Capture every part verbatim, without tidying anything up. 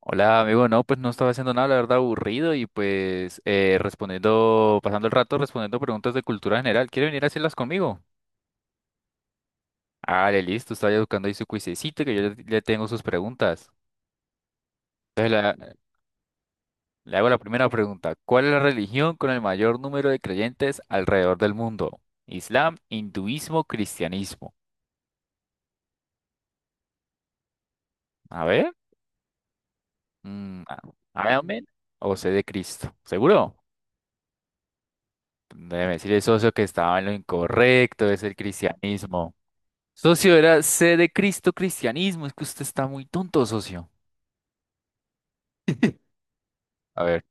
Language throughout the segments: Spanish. Hola, amigo. No, pues no estaba haciendo nada, la verdad, aburrido y pues eh, respondiendo, pasando el rato respondiendo preguntas de cultura general. ¿Quiere venir a hacerlas conmigo? Ah, listo, estaba ya buscando ahí su cuisecito que yo le, le tengo sus preguntas. Entonces la- Le hago la primera pregunta. ¿Cuál es la religión con el mayor número de creyentes alrededor del mundo? Islam, hinduismo, cristianismo. A ver. mm, a- Amén o sé de Cristo. ¿Seguro? Debe decirle, socio, que estaba en lo incorrecto, es el cristianismo. Socio, era C de Cristo, cristianismo. Es que usted está muy tonto, socio. A ver.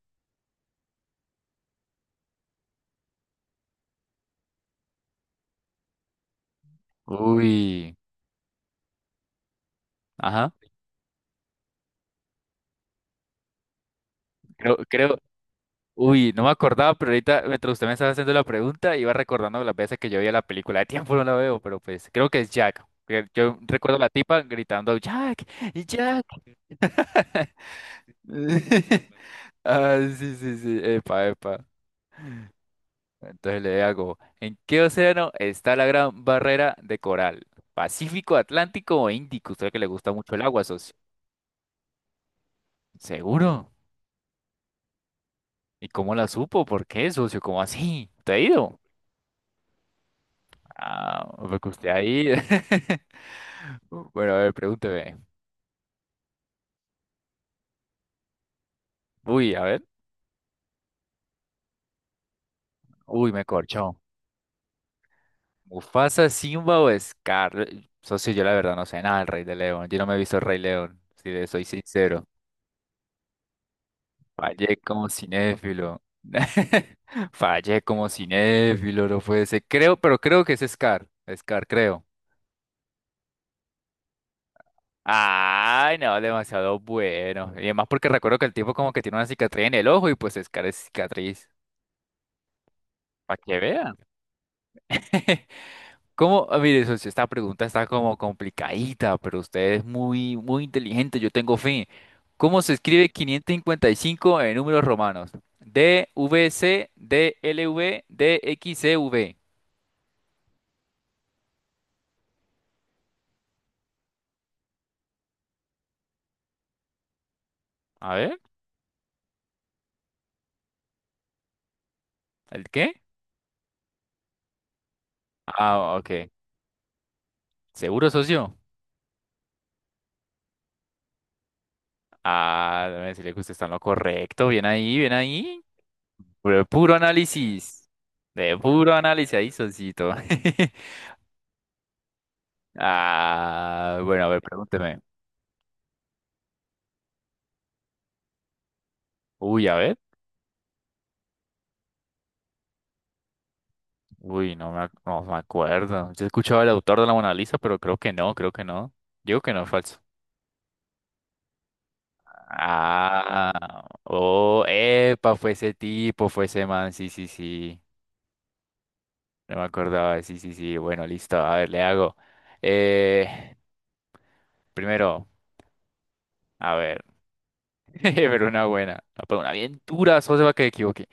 Uy. Ajá. Creo, creo. Uy, no me acordaba, pero ahorita mientras usted me estaba haciendo la pregunta, iba recordando las veces que yo veía la película. De tiempo no la veo, pero pues creo que es Jack. Que yo recuerdo a la tipa gritando, Jack, Jack. Ah, sí, sí, sí. Epa, epa. Entonces le hago, ¿en qué océano está la gran barrera de coral? ¿Pacífico, Atlántico o Índico? Usted que le gusta mucho el agua, socio. ¿Seguro? ¿Y cómo la supo? ¿Por qué, socio? ¿Cómo así? ¿Te ha ido? Ah, porque usted ahí. Bueno, a ver, pregúnteme. Uy, a ver. Uy, me corchó. ¿Mufasa, Simba o Scar? Socio, yo la verdad no sé nada del Rey de León. Yo no me he visto el Rey León, si le soy sincero. Fallé como cinéfilo. Fallé como cinéfilo, no puede ser. Creo, pero creo que es Scar. Scar, creo. Ay, no, demasiado bueno. Y además porque recuerdo que el tipo como que tiene una cicatriz en el ojo y pues Scar es cicatriz. Para que vean. Como, ah, mire, socio, esta pregunta está como complicadita, pero usted es muy, muy inteligente, yo tengo fe. ¿Cómo se escribe quinientos cincuenta y cinco en números romanos? D, V, C, D, L, V, D, X, C, V. A ver. ¿El qué? Ah, ok. ¿Seguro, socio? Ah, déjame decirle que usted está en lo correcto. Bien ahí, bien ahí. De puro análisis. De puro análisis ahí, socito. Ah, bueno, a ver, pregúnteme. Uy, a ver. Uy, no me, ac- No me acuerdo. Yo he escuchado el autor de la Mona Lisa, pero creo que no, creo que no. Digo que no, es falso. Ah, oh, epa, fue ese tipo, fue ese man, sí, sí, sí. No me acordaba, sí, sí, sí, bueno, listo, a ver, le hago. Eh, primero, a ver, pero una buena, no, pero una bien dura, solo se va a que me equivoque.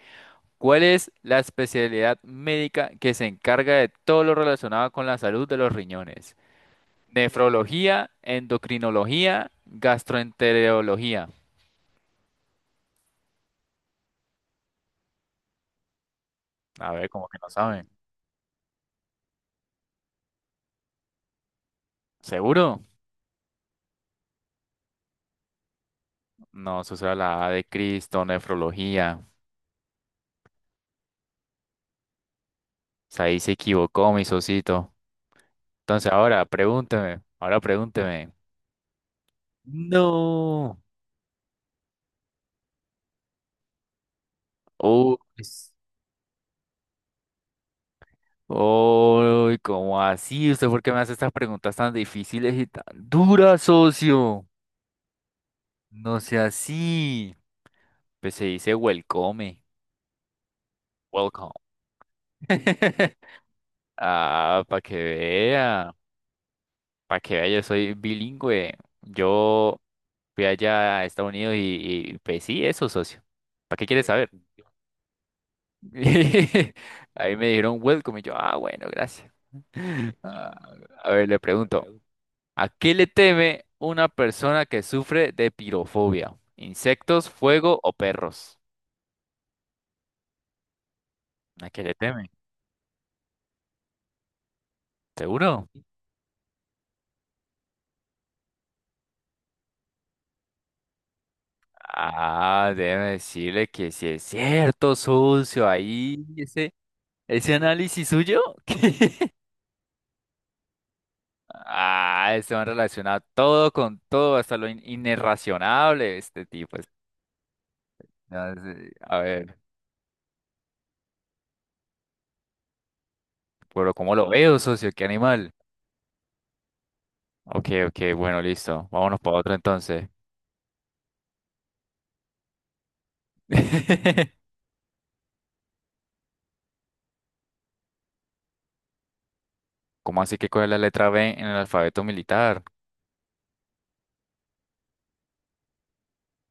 ¿Cuál es la especialidad médica que se encarga de todo lo relacionado con la salud de los riñones? Nefrología, endocrinología, gastroenterología. A ver, como que no saben. ¿Seguro? No, eso será la A de Cristo, nefrología. O sea, ahí se equivocó mi socito. Entonces ahora, pregúnteme, ahora pregúnteme. No. Uy, s- uy, ¿cómo así? ¿Usted por qué me hace estas preguntas tan difíciles y tan duras, socio? No sea así. Pues se dice welcome. Welcome. Ah, para que vea. Para que vea, yo soy bilingüe. Yo fui allá a Estados Unidos y, y pues sí, eso, socio. ¿Para qué quieres saber? Ahí me dijeron welcome y yo, ah, bueno, gracias. Ah, a ver, le pregunto. ¿A qué le teme una persona que sufre de pirofobia? ¿Insectos, fuego o perros? ¿A qué le teme? ¿Seguro? Ah, déjeme decirle que si es cierto, sucio, ahí ese, ese análisis suyo. Ah, este man relaciona todo con todo, hasta lo in- inirracionable, este tipo. Es- no sé, A ver, pero ¿cómo lo veo, socio? ¿Qué animal? Ok, ok, bueno, listo. Vámonos para otro entonces. ¿Cómo así que cuál es la letra B en el alfabeto militar?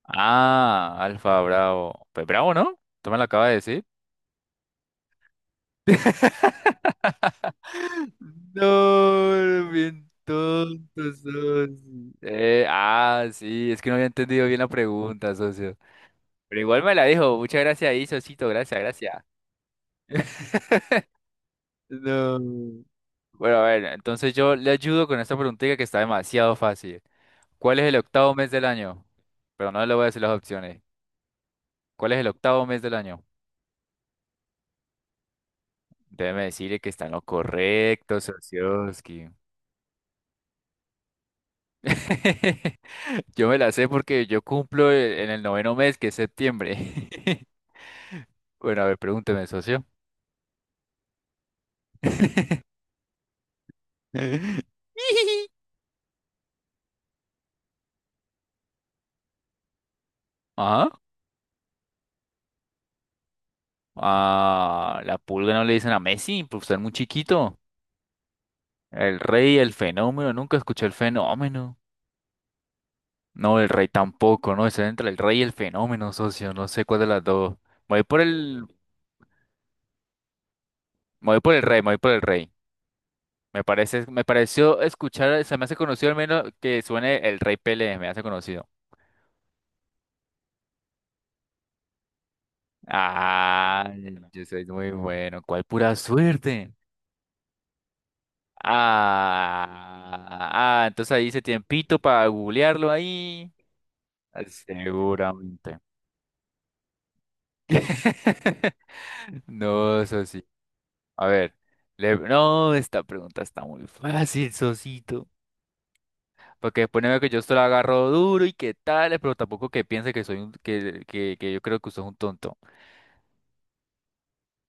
Ah, Alfa Bravo. Pues Bravo, ¿no? Tú me lo acabas de decir. No, bien tonto. Eh, ah, sí, es que no había entendido bien la pregunta, socio. Pero igual me la dijo. Muchas gracias ahí, socito. Gracias, gracias. No. Bueno, a ver, entonces yo le ayudo con esta preguntita que está demasiado fácil. ¿Cuál es el octavo mes del año? Pero no le voy a decir las opciones. ¿Cuál es el octavo mes del año? Déjeme decirle que está en lo correcto, Socioski. Yo me la sé porque yo cumplo e- en el noveno mes, que es septiembre. Bueno, a ver, pregúnteme, socio. Ajá. Ah, la pulga no le dicen a Messi, pues está muy chiquito. El rey, el fenómeno, nunca escuché el fenómeno. No, el rey tampoco, ¿no? Está entre el rey y el fenómeno, socio. No sé cuál de las dos. Me voy por el, me voy por el rey, me voy por el rey. Me parece, me pareció escuchar, se me hace conocido al menos que suene el Rey Pelé, me hace conocido. Ah, yo soy muy bueno. ¿Cuál pura suerte? Ah, ah, entonces ahí hice tiempito para googlearlo ahí. Ah, seguramente. No, Sosi. A ver, le- no, esta pregunta está muy fácil, Sosito. Porque después no veo que yo esto lo agarro duro y qué tal, pero tampoco que piense que soy un, que, que, que yo creo que usted es un tonto.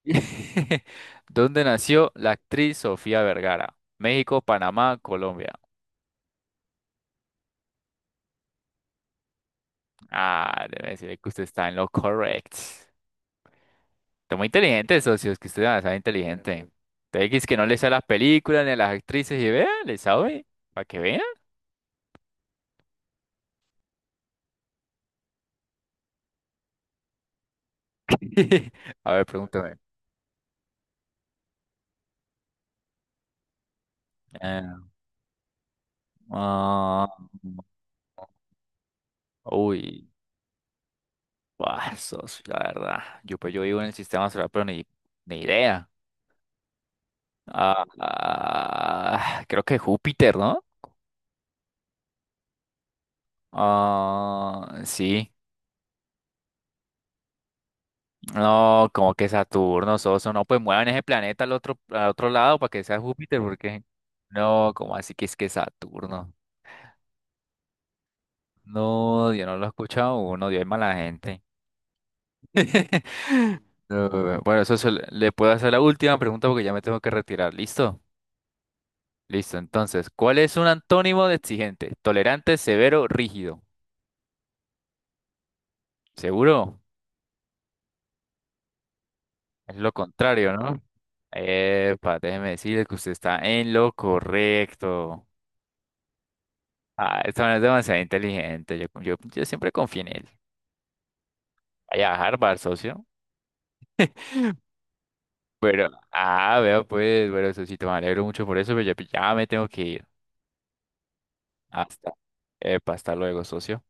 ¿Dónde nació la actriz Sofía Vergara? México, Panamá, Colombia. Ah, debe decir que usted está en lo correcto. Está muy inteligente, socio, es que usted es demasiado inteligente. Usted dice que no le sabe las películas ni a las actrices y vea, le sabe, para que vean. A ver, pregúntame. Eh, ah, uy, buah, socio, la verdad. Yo, pues, yo vivo en el sistema solar, pero ni, ni idea. Ah, ah, creo que Júpiter, ¿no? Ah, sí. No, como que Saturno, Soso, no, pues muevan ese planeta al otro, al otro lado para que sea Júpiter, porque no, como así que es que Saturno. No, yo no lo he escuchado uno, Dios es mala gente. No, bueno, eso se le le puedo hacer la última pregunta porque ya me tengo que retirar. ¿Listo? Listo. Entonces, ¿cuál es un antónimo de exigente? Tolerante, severo, rígido. ¿Seguro? Es lo contrario, ¿no? Epa, déjeme decirle que usted está en lo correcto. Ah, esta man es demasiado inteligente. Yo, yo, yo siempre confío en él. Vaya a Harvard, socio. Pero, ah, vea pues, bueno, socito, me alegro mucho por eso, pero ya, ya me tengo que ir. Hasta, epa, hasta luego, socio.